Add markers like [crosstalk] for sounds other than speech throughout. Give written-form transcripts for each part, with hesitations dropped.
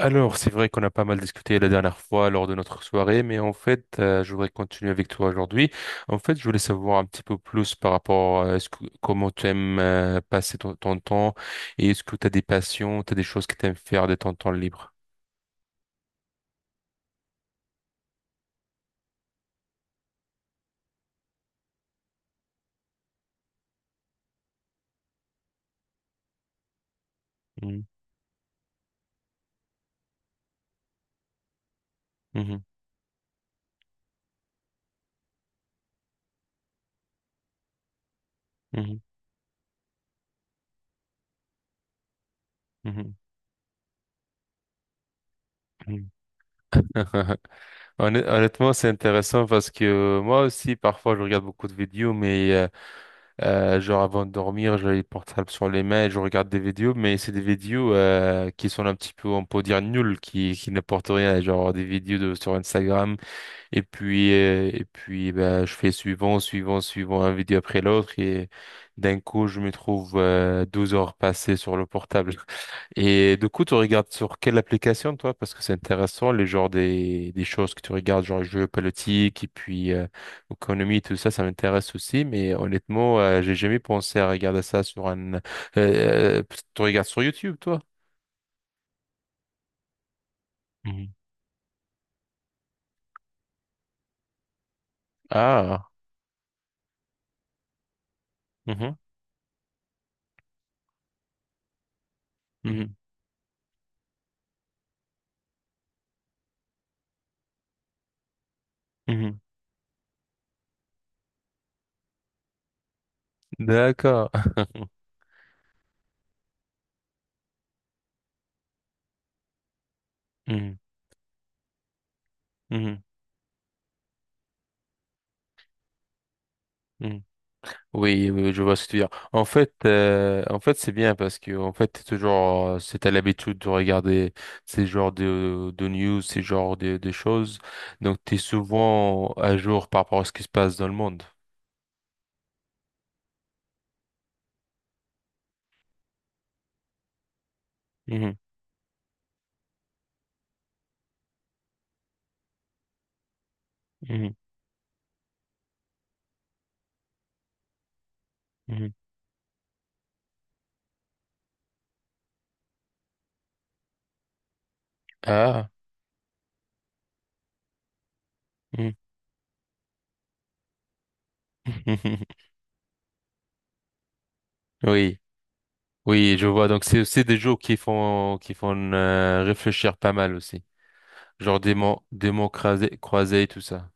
Alors, c'est vrai qu'on a pas mal discuté la dernière fois lors de notre soirée, mais en fait, je voudrais continuer avec toi aujourd'hui. En fait, je voulais savoir un petit peu plus par rapport à comment tu aimes passer ton temps et est-ce que tu as des passions, tu as des choses que tu aimes faire de ton temps libre. Mhm, mhm, mhm, mhm, mhm. [laughs] Honnêtement, c'est intéressant parce que moi aussi, parfois, je regarde beaucoup de vidéos, mais genre avant de dormir, j'ai les portables sur les mains et je regarde des vidéos, mais c'est des vidéos qui sont un petit peu, on peut dire, nulles, qui n'apportent rien. Genre des vidéos sur Instagram et puis, bah, je fais suivant, suivant, suivant, un vidéo après l'autre. Et d'un coup, je me trouve 12 heures passées sur le portable. [laughs] Et du coup, tu regardes sur quelle application, toi? Parce que c'est intéressant, les genres des choses que tu regardes, genre jeux politiques et puis économie, tout ça, ça m'intéresse aussi. Mais honnêtement, j'ai jamais pensé à regarder ça. Sur un... euh, euh, tu regardes sur YouTube, toi? Mhm. Ah. Mhm. Mhm. Mhm. D'accord. [laughs] Mhm. Mhm. Hmm. Oui, oui, je vois ce que tu veux dire. En fait, c'est bien parce que en fait, t'es toujours, si t'as l'habitude de regarder ces genres de news, ces genres de choses, donc t'es souvent à jour par rapport à ce qui se passe dans le monde. Mhm, mhm, mhm. Ah. Mhm. [laughs] Oui, oui, je vois. Donc c'est aussi des jeux qui font réfléchir pas mal aussi. Genre des mots croisés et tout ça.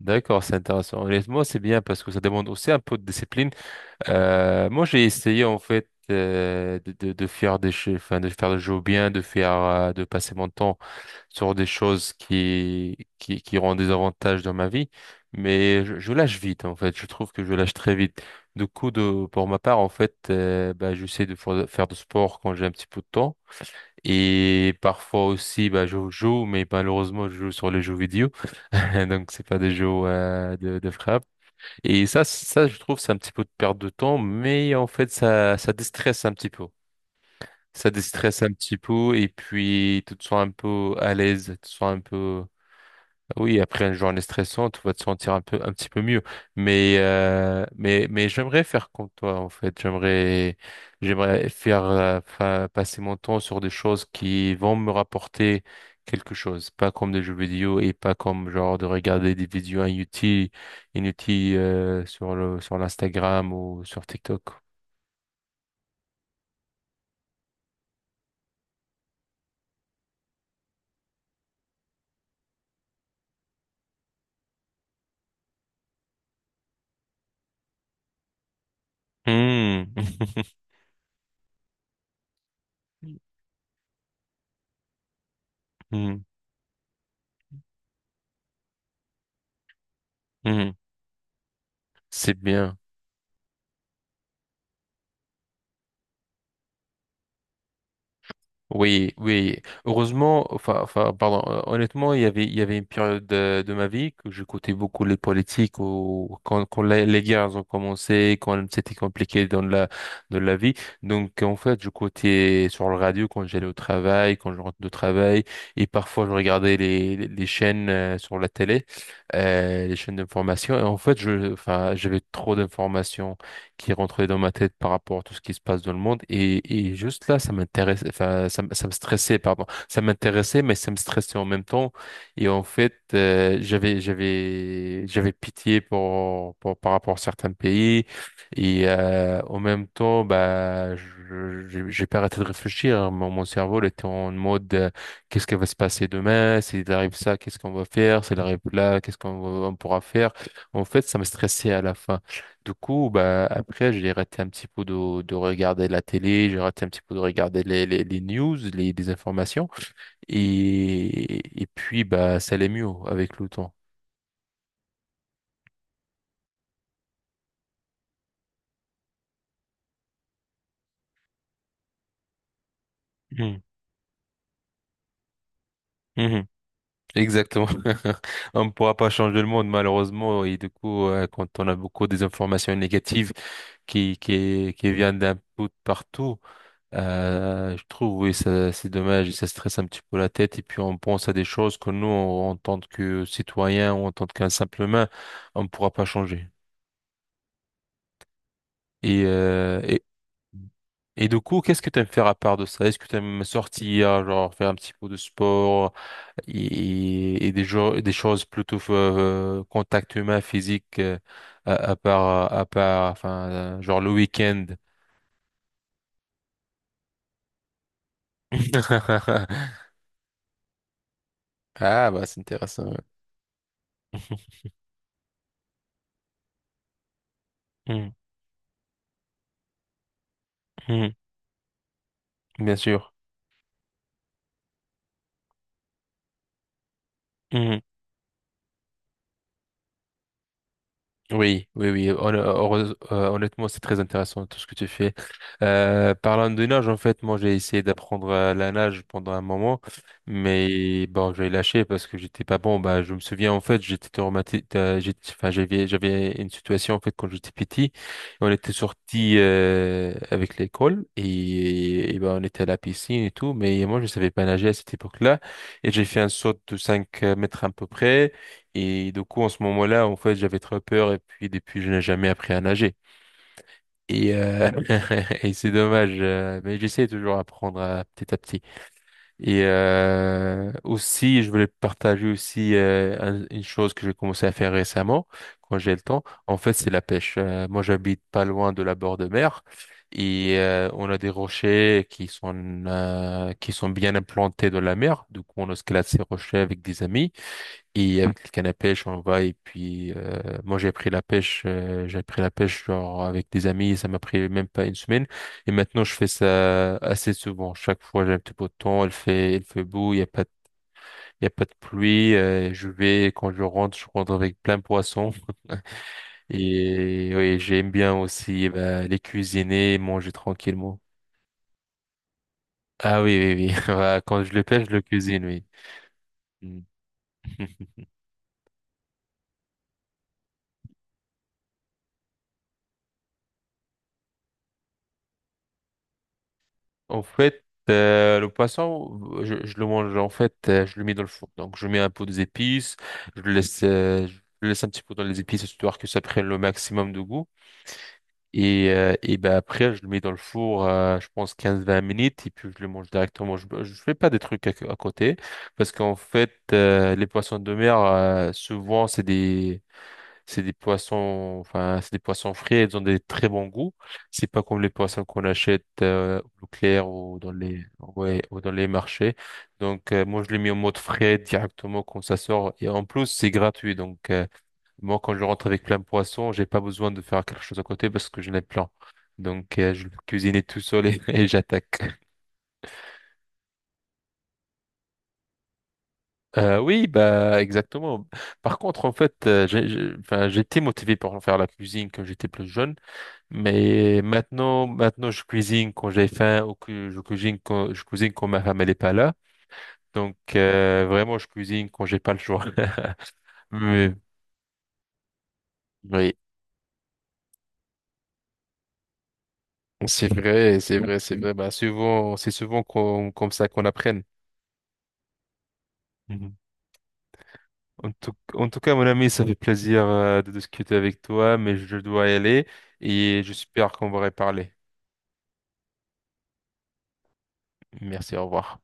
D'accord, c'est intéressant. Honnêtement, c'est bien parce que ça demande aussi un peu de discipline. Moi, j'ai essayé en fait de faire des jeux, enfin, de faire des jeux bien, de passer mon temps sur des choses qui auront des avantages dans ma vie, mais je lâche vite en fait. Je trouve que je lâche très vite. Du coup, pour ma part, en fait, bah, j'essaie de faire du sport quand j'ai un petit peu de temps. Et parfois aussi, bah, je joue, mais malheureusement, je joue sur les jeux vidéo. [laughs] Donc, c'est pas des jeux de frappe. Et ça, ça, je trouve, c'est un petit peu de perte de temps, mais en fait, ça déstresse un petit peu. Ça déstresse un petit peu, et puis tu te sens un peu à l'aise, tu te sens un peu, oui, après une journée stressante, tu vas te sentir un peu, un petit peu mieux. Mais j'aimerais faire comme toi, en fait. J'aimerais passer mon temps sur des choses qui vont me rapporter quelque chose. Pas comme des jeux vidéo et pas comme genre de regarder des vidéos inutiles, sur l'Instagram ou sur TikTok. Hmm. [laughs] Hmm. Hmm. C'est bien. Oui, oui. Heureusement, enfin, pardon, honnêtement, il y avait une période de ma vie que j'écoutais beaucoup les politiques ou quand les guerres ont commencé, quand c'était compliqué dans la vie. Donc, en fait, j'écoutais sur le radio quand j'allais au travail, quand je rentre de travail, et parfois je regardais les chaînes sur la télé, les chaînes d'information. Et en fait, enfin, j'avais trop d'informations qui rentrait dans ma tête par rapport à tout ce qui se passe dans le monde. Et juste là, ça m'intéressait, enfin, ça me stressait, pardon. Ça m'intéressait, mais ça me stressait en même temps. Et en fait, j'avais pitié par rapport à certains pays. Et en même temps, bah, j'ai pas arrêté de réfléchir. Hein. Mon cerveau il était en mode, qu'est-ce qui va se passer demain? S'il arrive ça, qu'est-ce qu'on va faire? S'il arrive là, qu'est-ce on pourra faire? En fait, ça me stressait à la fin. Du coup, bah, après, j'ai raté un petit peu de regarder la télé, j'ai raté un petit peu de regarder les news, les informations. Et puis, bah, ça allait mieux avec le temps. Mhm. Mhm. Exactement. [laughs] On ne pourra pas changer le monde, malheureusement. Et du coup, quand on a beaucoup des informations négatives qui viennent d'un peu de partout, je trouve, oui, ça, c'est dommage, et ça stresse un petit peu la tête, et puis on pense à des choses que nous, en tant que citoyens, ou en tant qu'un simple humain, on ne pourra pas changer. Et, euh, et, et du coup, qu'est-ce que tu aimes faire à part de ça? Est-ce que tu aimes sortir, genre faire un petit peu de sport et des choses plutôt contact humain, physique, à part, enfin, genre le week-end? [laughs] Ah, bah, c'est intéressant. Ouais. [laughs] Hmm, hmm. Bien sûr. Mhm. Oui, oui, oui. Honnêtement, c'est très intéressant tout ce que tu fais. Parlant de nage, en fait, moi, j'ai essayé d'apprendre la nage pendant un moment, mais bon, j'ai lâché parce que j'étais pas bon. Bah, je me souviens, en fait, j'étais traumatisé. Enfin, j'avais une situation, en fait, quand j'étais petit. On était sorti avec l'école et ben, on était à la piscine et tout, mais moi, je savais pas nager à cette époque-là. Et j'ai fait un saut de 5 mètres à peu près. Et du coup, en ce moment-là, en fait, j'avais très peur et puis depuis, je n'ai jamais appris à nager. Et, euh, [laughs] et c'est dommage, mais j'essaie toujours d'apprendre petit à petit. Et aussi, je voulais partager aussi une chose que j'ai commencé à faire récemment, quand j'ai le temps. En fait, c'est la pêche. Moi, j'habite pas loin de la bord de mer et on a des rochers qui sont qui sont bien implantés dans la mer. Du coup, on escalade ces rochers avec des amis. Et avec le canne à pêche, on va et puis moi j'ai appris la pêche, j'ai appris la pêche genre avec des amis, ça m'a pris même pas une semaine. Et maintenant je fais ça assez souvent. Chaque fois j'ai un petit peu de temps, il fait beau, il y a pas de pluie. Je vais quand je rentre avec plein de poissons. Et oui, j'aime bien aussi bah, les cuisiner, manger tranquillement. Ah oui, oui, oui. [laughs] Bah, quand je le pêche, je le cuisine, oui. Mm. [laughs] En fait, le poisson, je le mange, en fait, je le mets dans le four. Donc, je mets un peu des épices, je le laisse un petit peu dans les épices, histoire que ça prenne le maximum de goût. Et ben après, je le mets dans le four, je pense 15 20 minutes, et puis je le mange directement. Je fais pas des trucs à côté, parce qu'en fait, les poissons de mer, souvent, c'est des poissons frais, ils ont des très bons goûts. C'est pas comme les poissons qu'on achète au clair ou ouais, ou dans les marchés. Donc, moi, je l'ai mis en mode frais directement quand ça sort. Et en plus, c'est gratuit. Donc, moi, quand je rentre avec plein de poissons, j'ai pas besoin de faire quelque chose à côté parce que je l'ai plein. Donc, je le cuisine [laughs] tout seul et, [laughs] et j'attaque. Oui, bah, exactement. Par contre, en fait, enfin, j'étais motivé pour faire la cuisine quand j'étais plus jeune. Mais maintenant, je cuisine quand j'ai faim ou que je cuisine quand ma femme elle est pas là. Donc, vraiment, je cuisine quand j'ai pas le choix. [laughs] Mais, oui, c'est vrai, c'est vrai, c'est vrai. Bah, souvent, comme ça qu'on apprenne. Mhm. En tout cas, mon ami, ça fait plaisir, de discuter avec toi, mais je dois y aller et j'espère qu'on va reparler. Merci, au revoir.